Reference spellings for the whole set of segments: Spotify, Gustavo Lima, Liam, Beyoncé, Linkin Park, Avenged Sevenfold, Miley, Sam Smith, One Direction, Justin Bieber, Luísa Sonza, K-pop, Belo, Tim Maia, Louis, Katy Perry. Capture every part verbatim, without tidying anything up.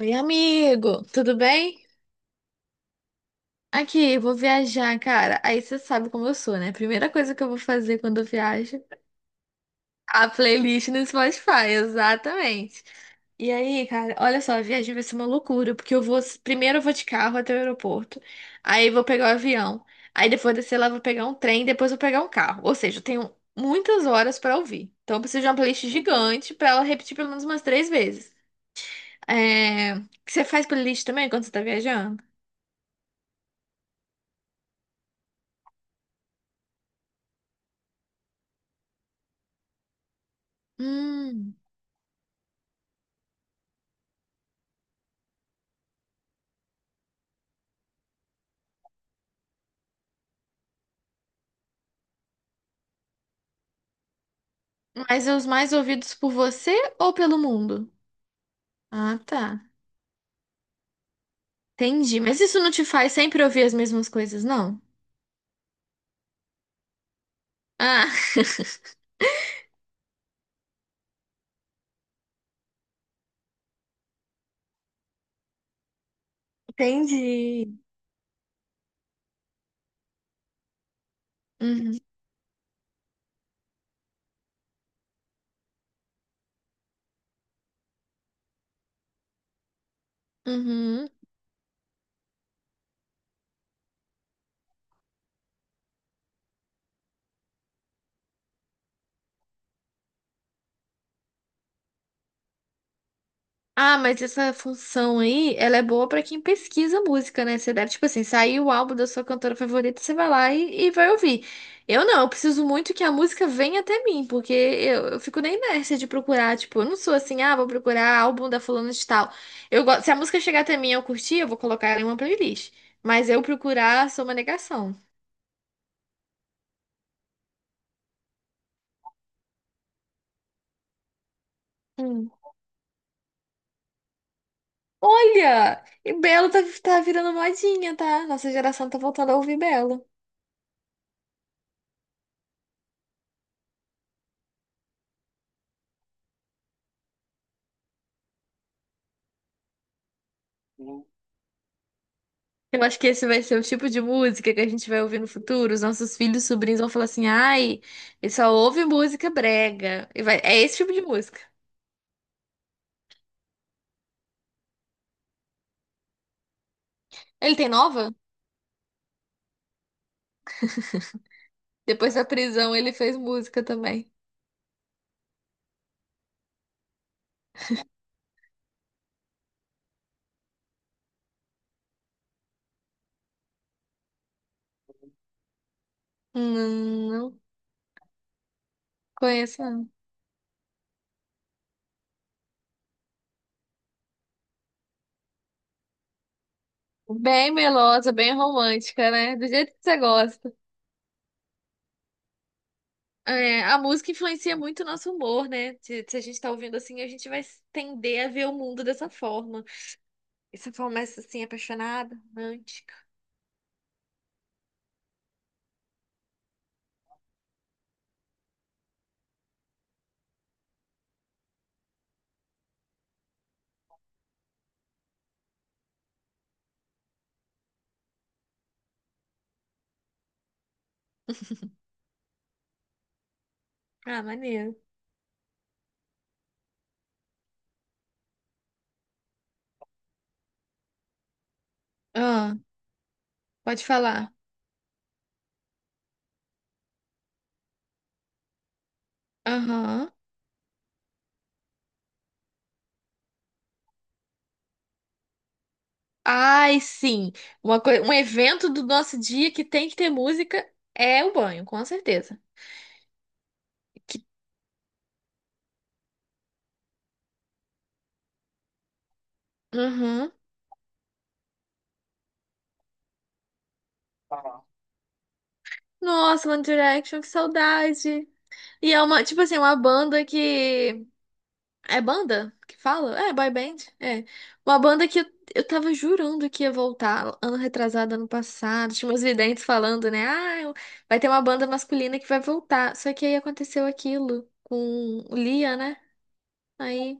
Oi, amigo, tudo bem? Aqui, eu vou viajar, cara. Aí você sabe como eu sou, né? Primeira coisa que eu vou fazer quando eu viajo, a playlist no Spotify, exatamente. E aí, cara, olha só, a viagem vai ser uma loucura, porque eu vou, primeiro eu vou de carro até o aeroporto, aí vou pegar o avião, aí depois descer lá, vou pegar um trem, depois vou pegar um carro. Ou seja, eu tenho muitas horas pra ouvir. Então eu preciso de uma playlist gigante pra ela repetir pelo menos umas três vezes. É... Você faz playlist também quando você tá viajando? Hum. Mas é os mais ouvidos por você ou pelo mundo? Ah, tá. Entendi. Mas isso não te faz sempre ouvir as mesmas coisas, não? Ah, entendi. Uhum. Uhum. Ah, mas essa função aí, ela é boa pra quem pesquisa música, né? Você deve, tipo assim, sair o álbum da sua cantora favorita, você vai lá e, e vai ouvir. Eu não, eu preciso muito que a música venha até mim, porque eu, eu fico na inércia de procurar, tipo, eu não sou assim, ah, vou procurar álbum da fulana de tal. Eu gosto, se a música chegar até mim e eu curtir, eu vou colocar ela em uma playlist. Mas eu procurar, sou uma negação. Hum. Olha! E Belo tá, tá virando modinha, tá? Nossa geração tá voltando a ouvir Belo. Eu acho que esse vai ser o tipo de música que a gente vai ouvir no futuro. Os nossos filhos, sobrinhos vão falar assim: ai, ele só ouve música brega. E vai... É esse tipo de música. Ele tem nova? Depois da prisão, ele fez música também. Hum, não conheço, não. Bem melosa, bem romântica, né? Do jeito que você gosta. É, a música influencia muito o nosso humor, né? Se, se a gente tá ouvindo assim, a gente vai tender a ver o mundo dessa forma. E você começa assim, apaixonada, romântica. Ah, maneiro. Ah, pode falar. Aham. Ai, sim. Uma coi- um evento do nosso dia que tem que ter música é o banho, com certeza. Que... Uhum. Nossa, One Direction, que saudade. E é uma, tipo assim, uma banda que. É banda que fala? É, boy band. É. Uma banda que eu, eu tava jurando que ia voltar ano retrasado, ano passado. Tinha meus videntes falando, né? Ah, eu- vai ter uma banda masculina que vai voltar. Só que aí aconteceu aquilo com o Lia, né? Aí.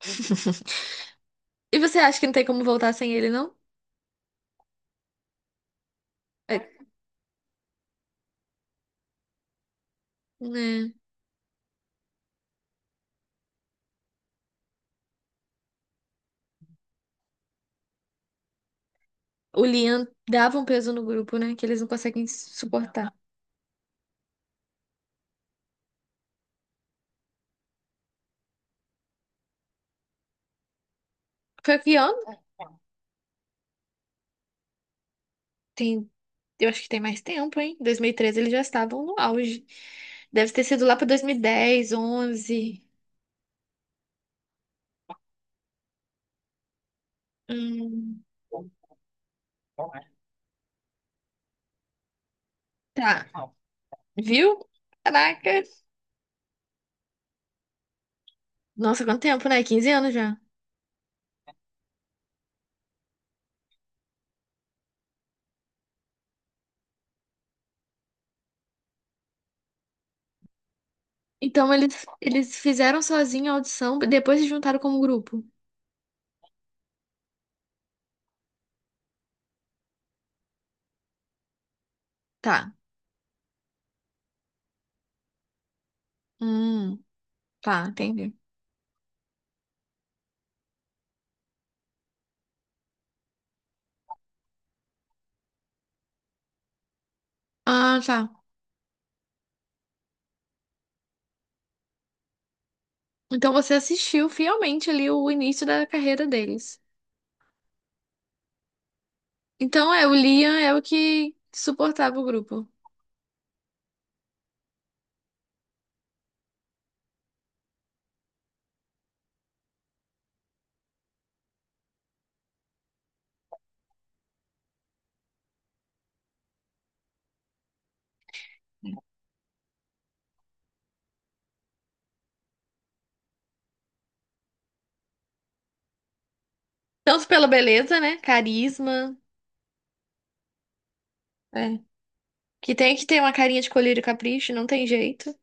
E você acha que não tem como voltar sem ele, não? É, né? O Liam dava um peso no grupo, né? Que eles não conseguem suportar. Foi que ano? Tem, eu acho que tem mais tempo, hein? dois mil e treze eles já estavam no auge. Deve ter sido lá para dois mil e dez, onze. Hum, tá. Viu? Caraca. Nossa, quanto tempo, né? Quinze anos já. Então eles, eles fizeram sozinho a audição, depois se juntaram como grupo. Tá. Hum, tá, entendi. Ah, tá. Então você assistiu fielmente ali o início da carreira deles. Então é, o Liam é o que suportava o grupo. Tanto pela beleza, né? Carisma. É. Que tem que ter uma carinha de colírio e capricho, não tem jeito.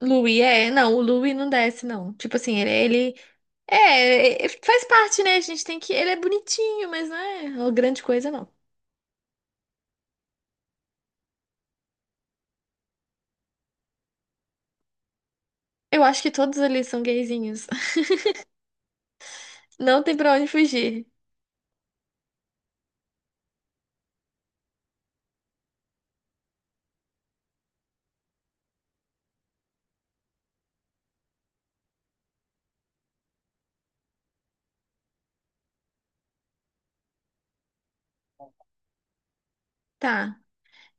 Louis é, não, o Louis não desce, não. Tipo assim, ele, ele é, é, faz parte, né? A gente tem que. Ele é bonitinho, mas não é uma grande coisa, não. Eu acho que todos ali são gayzinhos. Não tem pra onde fugir. Tá.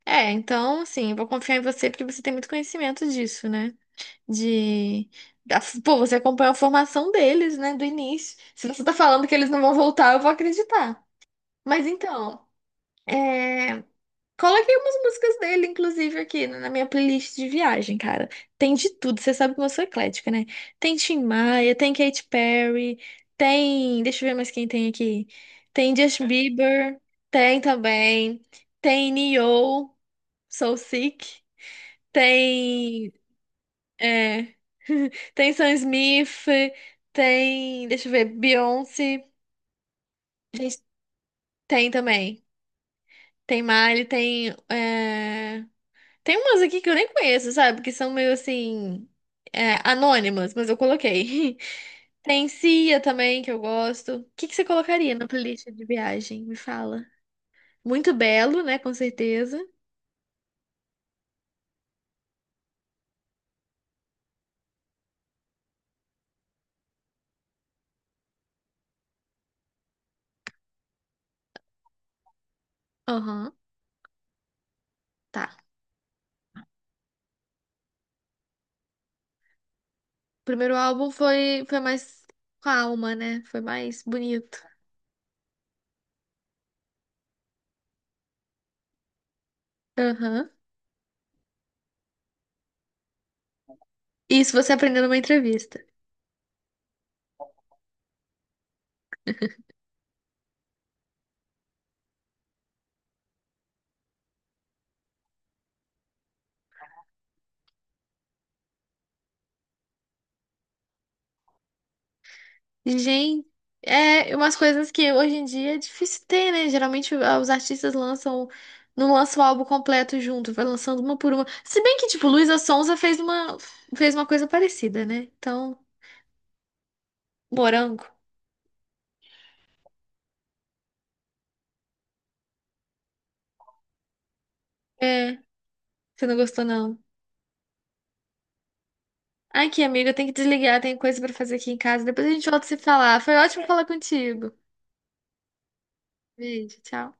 É, então, assim, eu vou confiar em você porque você tem muito conhecimento disso, né? De. da- Pô, você acompanha a formação deles, né? Do início. Se você tá falando que eles não vão voltar, eu vou acreditar. Mas então, é... coloquei umas músicas dele, inclusive, aqui né, na minha playlist de viagem, cara. Tem de tudo, você sabe que eu sou eclética, né? Tem Tim Maia, tem Katy Perry, tem. Deixa eu ver mais quem tem aqui. Tem Justin Bieber, tem também. Tem Nio, Soul Sick. Tem é. Tem Sam Smith, tem. Deixa eu ver, Beyoncé. Gente, tem também. Tem Miley, tem. é, Tem umas aqui que eu nem conheço, sabe? Que são meio assim. É, anônimas, mas eu coloquei. Tem Cia também, que eu gosto. O que que você colocaria na playlist de viagem? Me fala. Muito belo, né? Com certeza. Aham, tá. O primeiro álbum foi, foi mais calma, né? Foi mais bonito. Aham. Isso você aprendeu numa entrevista. Gente, é umas coisas que hoje em dia é difícil ter, né? Geralmente ah, os artistas lançam, não lançam o álbum completo junto, vai lançando uma por uma. Se bem que, tipo, Luísa Sonza fez uma, fez uma coisa parecida, né? Então, morango. É, você não gostou, não. Aqui, amiga, eu tenho que desligar, tem coisa pra fazer aqui em casa. Depois a gente volta a se falar. Foi ótimo falar contigo. Beijo, tchau.